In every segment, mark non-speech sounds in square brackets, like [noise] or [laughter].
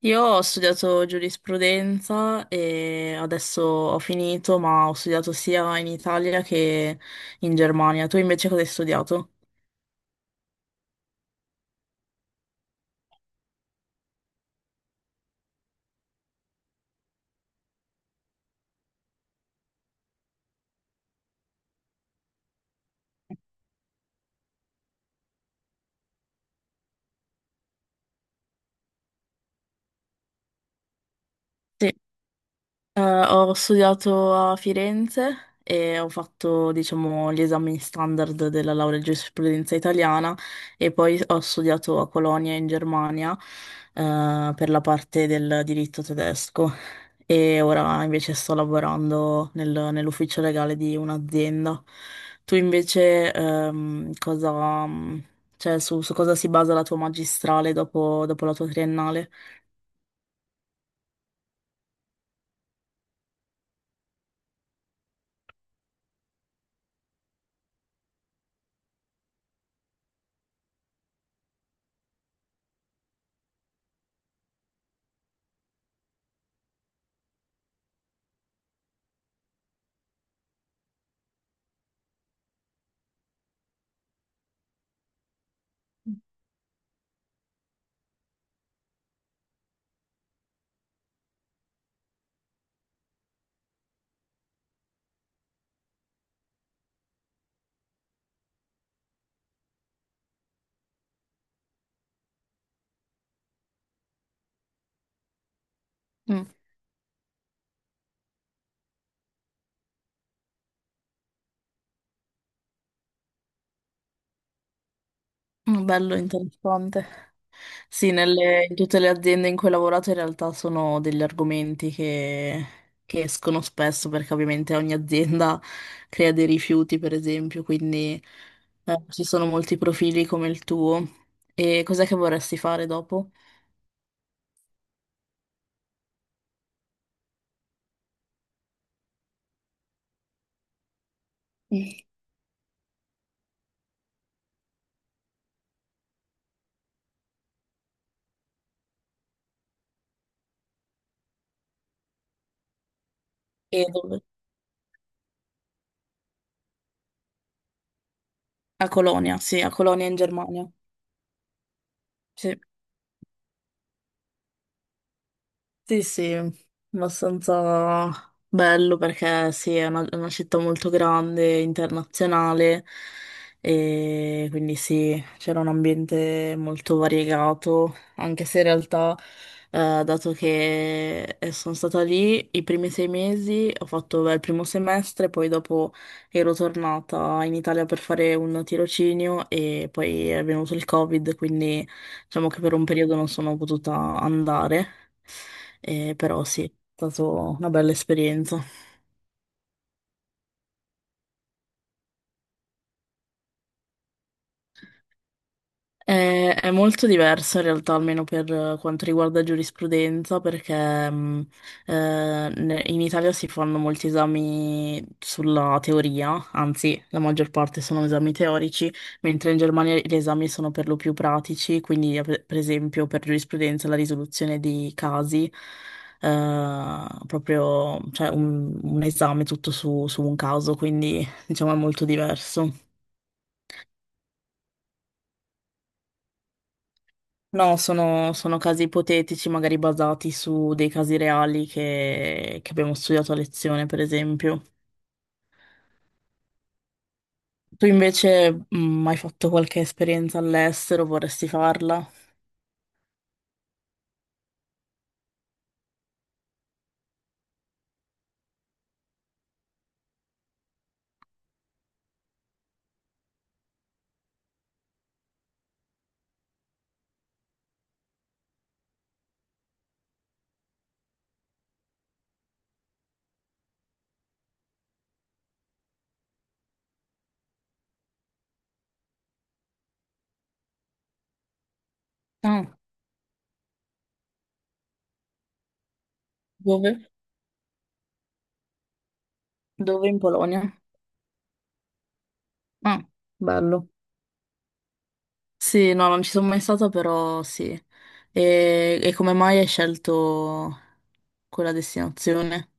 Io ho studiato giurisprudenza e adesso ho finito, ma ho studiato sia in Italia che in Germania. Tu invece cosa hai studiato? Sì. Eh, Ho studiato a Firenze e ho fatto, diciamo, gli esami standard della laurea in giurisprudenza italiana e poi ho studiato a Colonia in Germania, per la parte del diritto tedesco e ora invece sto lavorando nell'ufficio legale di un'azienda. Tu invece, cosa, cioè, su cosa si basa la tua magistrale dopo la tua triennale? Mm, bello, interessante. Sì, in tutte le aziende in cui ho lavorato in realtà sono degli argomenti che escono spesso perché ovviamente ogni azienda [laughs] crea dei rifiuti, per esempio, quindi ci sono molti profili come il tuo. E cos'è che vorresti fare dopo? Mm. E dove? A Colonia, sì, a Colonia in Germania. Sì. Sì, sì, abbastanza bello perché sì, è una città molto grande, internazionale e quindi sì, c'era un ambiente molto variegato, anche se in realtà, dato che sono stata lì i primi 6 mesi, ho fatto beh, il primo semestre, poi dopo ero tornata in Italia per fare un tirocinio e poi è venuto il Covid, quindi diciamo che per un periodo non sono potuta andare. Però sì, è stata una bella esperienza. È molto diverso in realtà, almeno per quanto riguarda giurisprudenza, perché in Italia si fanno molti esami sulla teoria, anzi, la maggior parte sono esami teorici, mentre in Germania gli esami sono per lo più pratici, quindi per esempio per giurisprudenza la risoluzione di casi. Proprio, cioè un esame tutto su su un caso, quindi diciamo è molto diverso. No, sono casi ipotetici, magari basati su dei casi reali che abbiamo studiato a lezione, per esempio. Tu invece, hai fatto qualche esperienza all'estero? Vorresti farla? Ah, dove? Dove in Polonia? Ah, bello. Sì, no, non ci sono mai stata, però sì. E come mai hai scelto quella destinazione?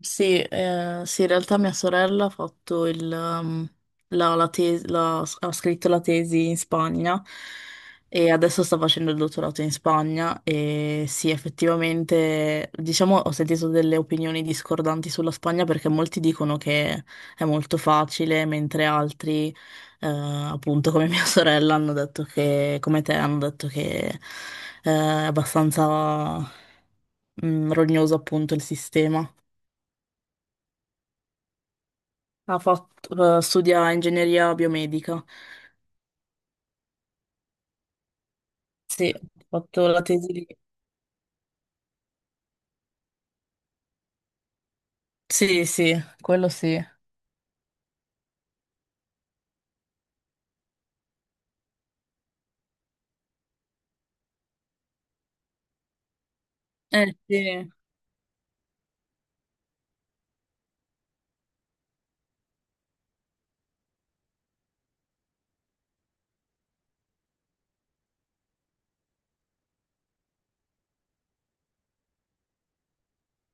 Sì, sì, in realtà mia sorella ha fatto la tesi, ha scritto la tesi in Spagna e adesso sta facendo il dottorato in Spagna e sì, effettivamente, diciamo, ho sentito delle opinioni discordanti sulla Spagna perché molti dicono che è molto facile, mentre altri, appunto come mia [laughs] sorella, hanno detto che, come te, hanno detto che, è abbastanza, rognoso appunto il sistema. Ha fatto, studia ingegneria biomedica. Sì, ho fatto la tesi lì. Sì, sì, quello sì. Eh sì,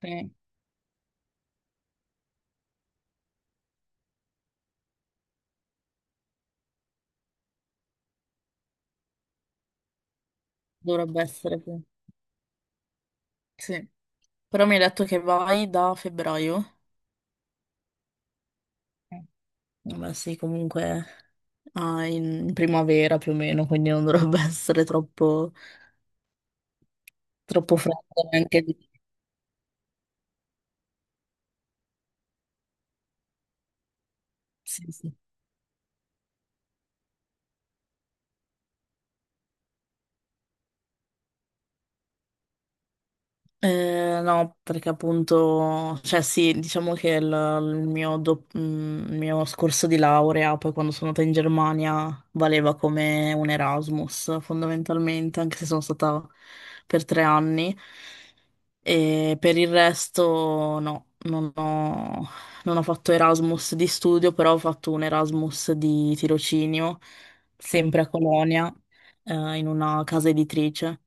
sì, dovrebbe essere, sì. Sì. Però mi hai detto che vai da febbraio? Eh. Vabbè, sì, comunque ah, in primavera più o meno, quindi non dovrebbe [laughs] essere troppo, troppo freddo neanche lì. Sì, sì. No, perché appunto, cioè sì, diciamo che il mio scorso di laurea, poi quando sono andata in Germania, valeva come un Erasmus fondamentalmente, anche se sono stata per 3 anni. E per il resto no, non ho fatto Erasmus di studio, però ho fatto un Erasmus di tirocinio, sempre a Colonia, in una casa editrice.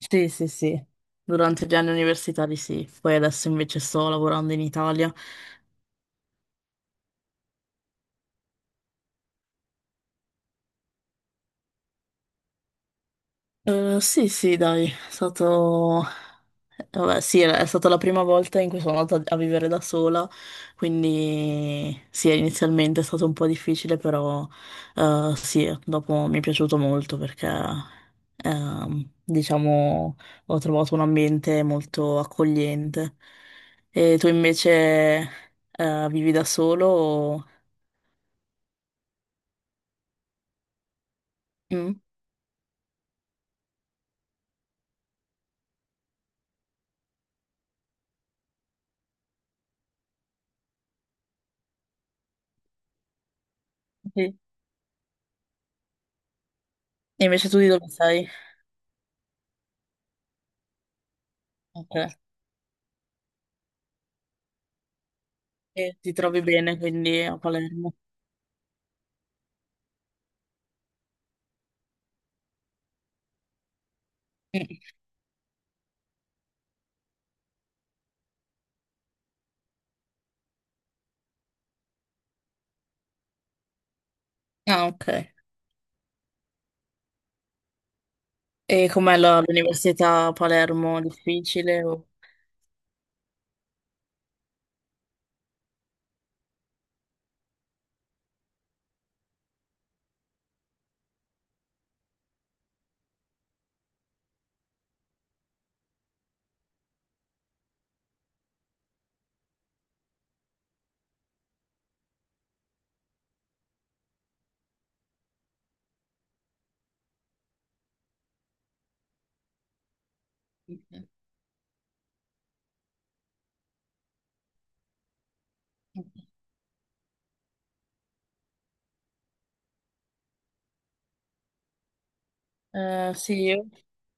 Sì, sì, sì, durante gli anni universitari sì, poi adesso invece sto lavorando in Italia. Sì, sì, dai, è stato... Vabbè, sì, è stata la prima volta in cui sono andata a vivere da sola, quindi sì, inizialmente è stato un po' difficile, però sì, dopo mi è piaciuto molto perché, diciamo, ho trovato un ambiente molto accogliente. E tu invece vivi da solo o... Mm? Sì. E invece tu di dove sei? Ok. E ti trovi bene quindi a Palermo. Mm. Ah, ok. E com'è l'università a Palermo? Difficile? Sì. Eh, sì, io,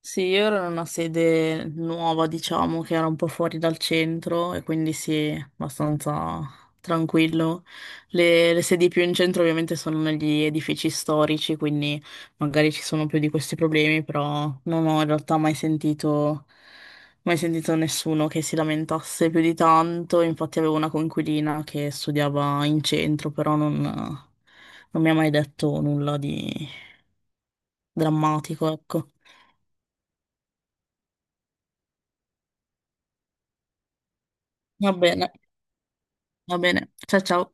sì, io ero in una sede nuova, diciamo, che era un po' fuori dal centro e quindi sì, abbastanza tranquillo. Le sedi più in centro ovviamente sono negli edifici storici, quindi magari ci sono più di questi problemi, però non ho in realtà mai sentito, mai sentito nessuno che si lamentasse più di tanto. Infatti avevo una coinquilina che studiava in centro, però non mi ha mai detto nulla di drammatico, ecco. Va bene, va bene. Ciao ciao.